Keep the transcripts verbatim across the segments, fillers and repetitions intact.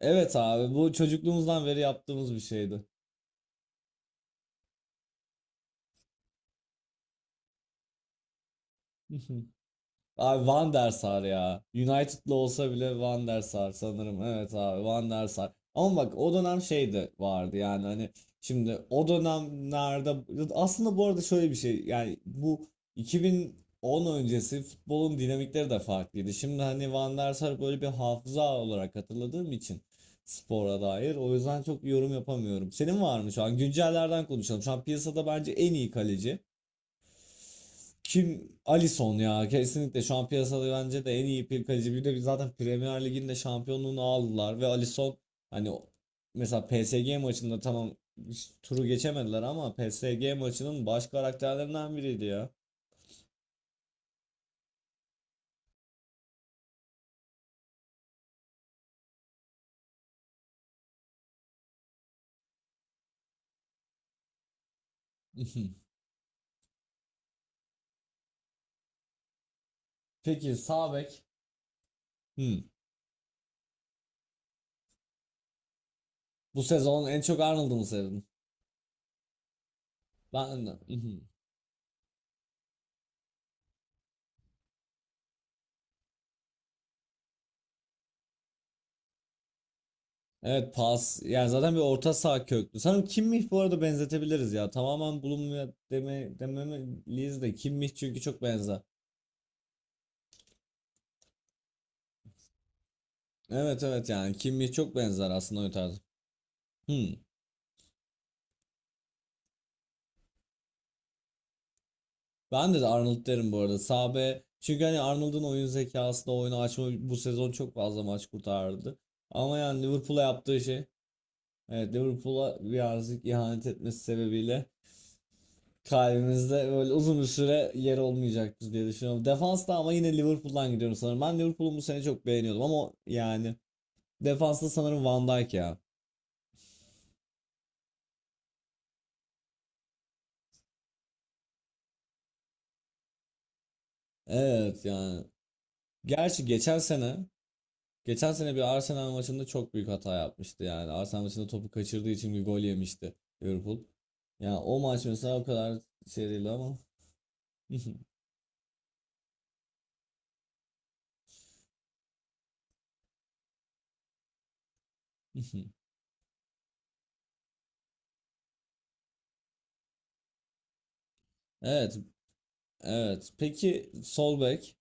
Evet abi bu çocukluğumuzdan beri yaptığımız bir şeydi. Abi Van der Sar ya. United'lı olsa bile Van der Sar sanırım. Evet abi Van der Sar. Ama bak o dönem şey de vardı yani hani şimdi o dönemlerde aslında bu arada şöyle bir şey yani bu iki bin on öncesi futbolun dinamikleri de farklıydı. Şimdi hani Van der Sar böyle bir hafıza olarak hatırladığım için spora dair o yüzden çok yorum yapamıyorum. Senin var mı şu an? Güncellerden konuşalım. Şu an piyasada bence en iyi kaleci. Kim? Alisson ya. Kesinlikle şu an piyasada bence de en iyi bir kaleci. Bir de biz zaten Premier Lig'in de şampiyonluğunu aldılar ve Alisson hani o- mesela P S G maçında tamam hiç turu geçemediler ama P S G maçının baş karakterlerinden biriydi ya. Peki sağ bek. Hmm. Bu sezon en çok Arnold'u mu sevdin? Ben de. Mhm. Evet pas. Yani zaten bir orta saha köklü. Sanırım Kimmich bu arada benzetebiliriz ya. Tamamen bulunmuyor deme, dememeliyiz de Kimmich çünkü çok benzer. Evet evet yani Kimmich çok benzer aslında oyun tarzı. Hmm. Ben de, de Arnold derim bu arada. Sağ bek. Çünkü hani Arnold'un oyun zekasında oyunu açma bu sezon çok fazla maç kurtardı. Ama yani Liverpool'a yaptığı şey evet Liverpool'a birazcık ihanet etmesi sebebiyle kalbimizde böyle uzun bir süre yer olmayacaktır diye düşünüyorum. Defansta ama yine Liverpool'dan gidiyorum sanırım. Ben Liverpool'u bu sene çok beğeniyordum ama yani defansta sanırım Van Dijk ya. Evet yani. Gerçi geçen sene Geçen sene bir Arsenal maçında çok büyük hata yapmıştı yani. Arsenal maçında topu kaçırdığı için bir gol yemişti Liverpool. Yani o maç mesela o kadar şey değil ama. Evet, evet. Peki sol bek?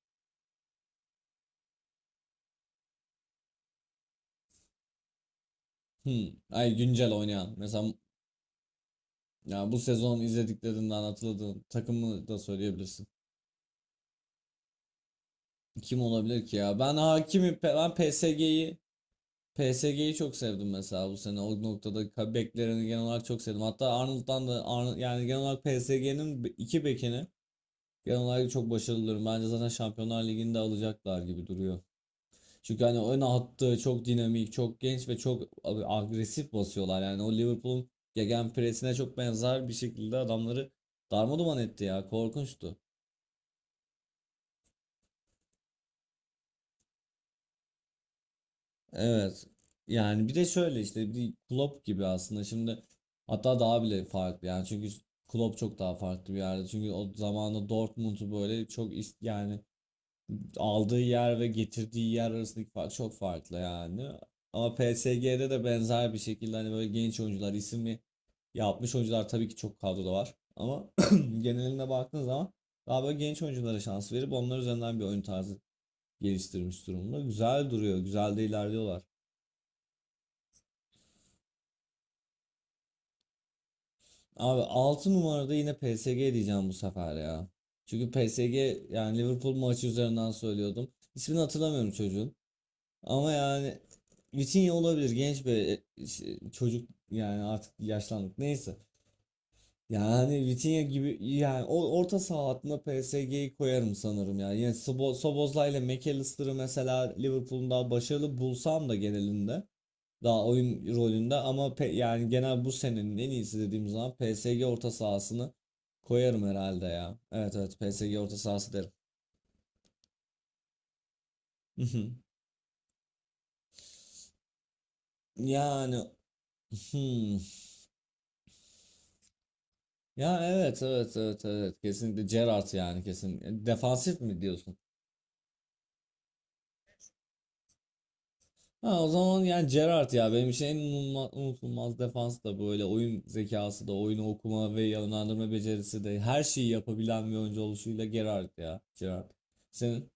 Hmm. Ay güncel oynayan. Mesela ya bu sezon izlediklerinden hatırladığın takımı da söyleyebilirsin. Kim olabilir ki ya? Ben Hakimi, ben P S G'yi P S G'yi çok sevdim mesela bu sene. O noktada ka- beklerini genel olarak çok sevdim. Hatta Arnold'dan da Arnold, yani genel olarak P S G'nin iki bekini genel olarak çok başarılıyorum. Bence zaten Şampiyonlar Ligi'ni de alacaklar gibi duruyor. Çünkü hani ön hattı çok dinamik, çok genç ve çok ag- agresif basıyorlar. Yani o Liverpool'un gegenpressine çok benzer bir şekilde adamları darmaduman etti ya. Korkunçtu. Evet. Yani bir de şöyle işte bir Klopp gibi aslında şimdi hatta daha bile farklı yani çünkü Klopp çok daha farklı bir yerde. Çünkü o zamanında Dortmund'u böyle çok is- yani aldığı yer ve getirdiği yer arasındaki fark çok farklı yani. Ama P S G'de de benzer bir şekilde hani böyle genç oyuncular isimli yapmış oyuncular tabii ki çok kadroda var. Ama geneline baktığın zaman daha böyle genç oyunculara şans verip onlar üzerinden bir oyun tarzı geliştirmiş durumda. Güzel duruyor, güzel de ilerliyorlar. Abi altı numarada yine P S G diyeceğim bu sefer ya. Çünkü P S G yani Liverpool maçı üzerinden söylüyordum. İsmini hatırlamıyorum çocuğun. Ama yani Vitinha olabilir genç bir e, ş- çocuk yani artık yaşlandık neyse. Yani Vitinha gibi yani o orta saha hattına P S G'yi koyarım sanırım yani. Yani Sobo- Sobozla ile McAllister'ı mesela Liverpool'un daha başarılı bulsam da genelinde. Daha oyun rolünde ama pe- yani genel bu senenin en iyisi dediğim zaman P S G orta sahasını koyarım herhalde ya. Evet evet P S G orta sahası derim. Yani hmm. Ya evet evet evet evet kesinlikle Gerrard yani kesin. E, Defansif mi diyorsun? Ha o zaman yani Gerrard ya benim için en unutulma- unutulmaz defans da böyle oyun zekası da oyunu okuma ve yönlendirme becerisi de her şeyi yapabilen bir oyuncu oluşuyla Gerrard ya Gerrard. Senin?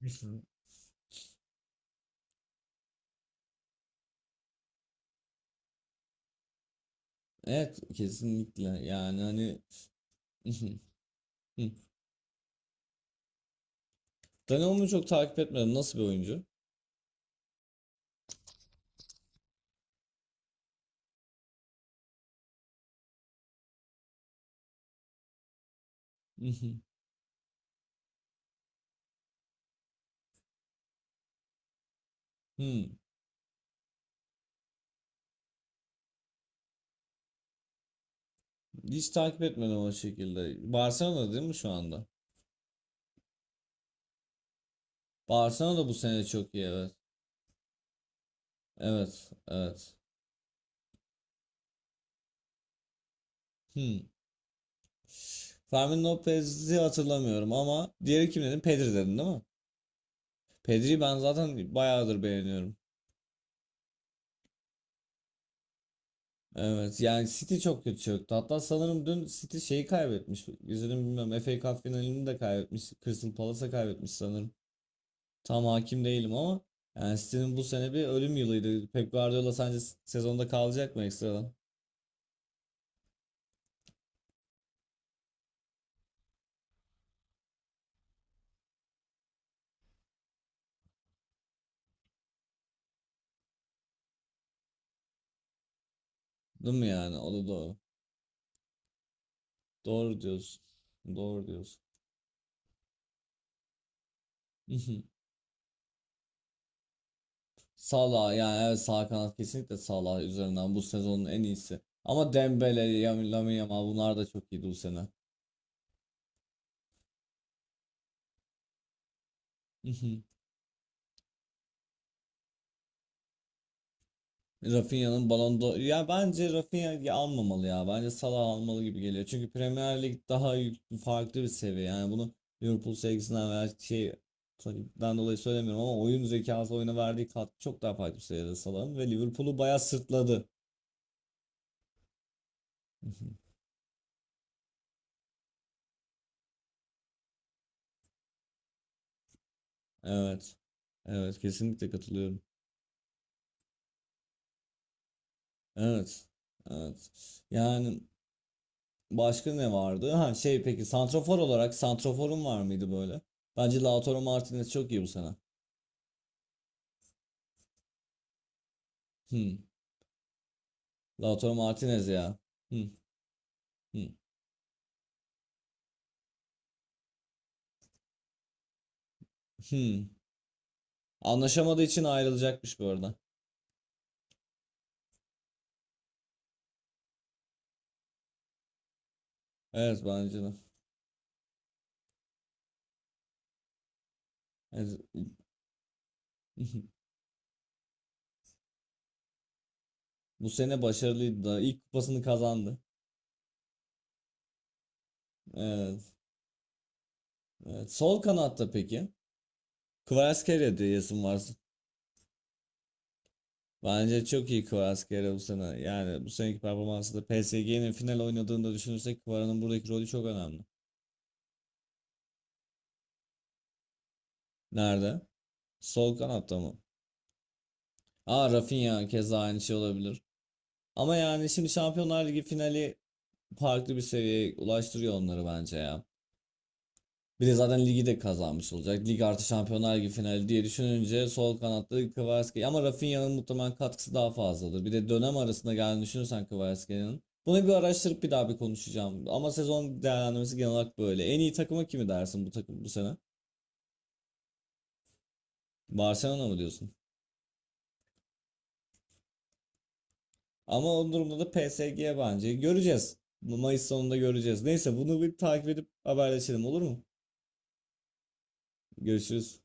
Evet kesinlikle yani hani Donnarumma çok takip etmedim nasıl bir oyuncu? Hmm, Hiç takip etmedim o şekilde. Barcelona değil mi şu anda? Barcelona da bu sene çok iyi evet. Evet evet. Hmm. Fermin Lopez'i hatırlamıyorum ama diğeri kim dedin? Pedri dedin değil mi? Pedri'yi ben zaten bayağıdır beğeniyorum. Evet yani City çok kötü çöktü. Hatta sanırım dün City şeyi kaybetmiş. İzledim bilmiyorum. F A Cup finalini de kaybetmiş. Crystal Palace'a kaybetmiş sanırım. Tam hakim değilim ama yani City'nin bu sene bir ölüm yılıydı. Pep Guardiola sence s- sezonda kalacak mı ekstradan? Değil mi yani? O da doğru. Doğru diyorsun. Doğru diyorsun. Salah yani evet sağ kanat kesinlikle Salah üzerinden bu sezonun en iyisi. Ama Dembele, Yam- Lamine Yamal bunlar da çok iyiydi bu sene. Rafinha'nın Ballon d'Or ya bence Rafinha'yı almamalı ya. Bence Salah almalı gibi geliyor. Çünkü Premier Lig daha yük- farklı bir seviye. Yani bunu Liverpool sevgisinden veya şey takımdan dolayı söylemiyorum ama oyun zekası oyuna verdiği katkı çok daha farklı bir seviyede Salah'ın ve Liverpool'u bayağı sırtladı. Evet. Evet kesinlikle katılıyorum. Evet. Evet. Yani başka ne vardı? Ha şey peki santrafor olarak santraforun var mıydı böyle? Bence Lautaro Martinez çok iyi bu sene. Hmm. Lautaro Martinez ya. Hı, hı, hı. Anlaşamadığı için ayrılacakmış bu arada. Evet bence de. Evet. Bu sene başarılıydı da ilk kupasını kazandı. Evet. Evet. Sol kanatta peki? Kvaratskhelia diyesin varsa. Bence çok iyi Kvaratskhelia bu sene. Yani bu seneki performansı da P S G'nin final oynadığında düşünürsek Kvara'nın buradaki rolü çok önemli. Nerede? Sol kanatta mı? Aa Rafinha keza aynı şey olabilir. Ama yani şimdi Şampiyonlar Ligi finali farklı bir seviyeye ulaştırıyor onları bence ya. Bir de zaten ligi de kazanmış olacak. Lig artı Şampiyonlar Ligi finali diye düşününce sol kanatta Kvaratskhelia ama Rafinha'nın muhtemelen katkısı daha fazladır. Bir de dönem arasında geldiğini düşünürsen Kvaratskheლიa'nın. Bunu bir araştırıp bir daha bir konuşacağım. Ama sezon değerlendirmesi genel olarak böyle. En iyi takıma kimi dersin bu takım bu sene? Barcelona mı diyorsun? Ama o durumda da P S G bence. Göreceğiz. Mayıs sonunda göreceğiz. Neyse bunu bir takip edip haberleşelim olur mu? Görüşürüz.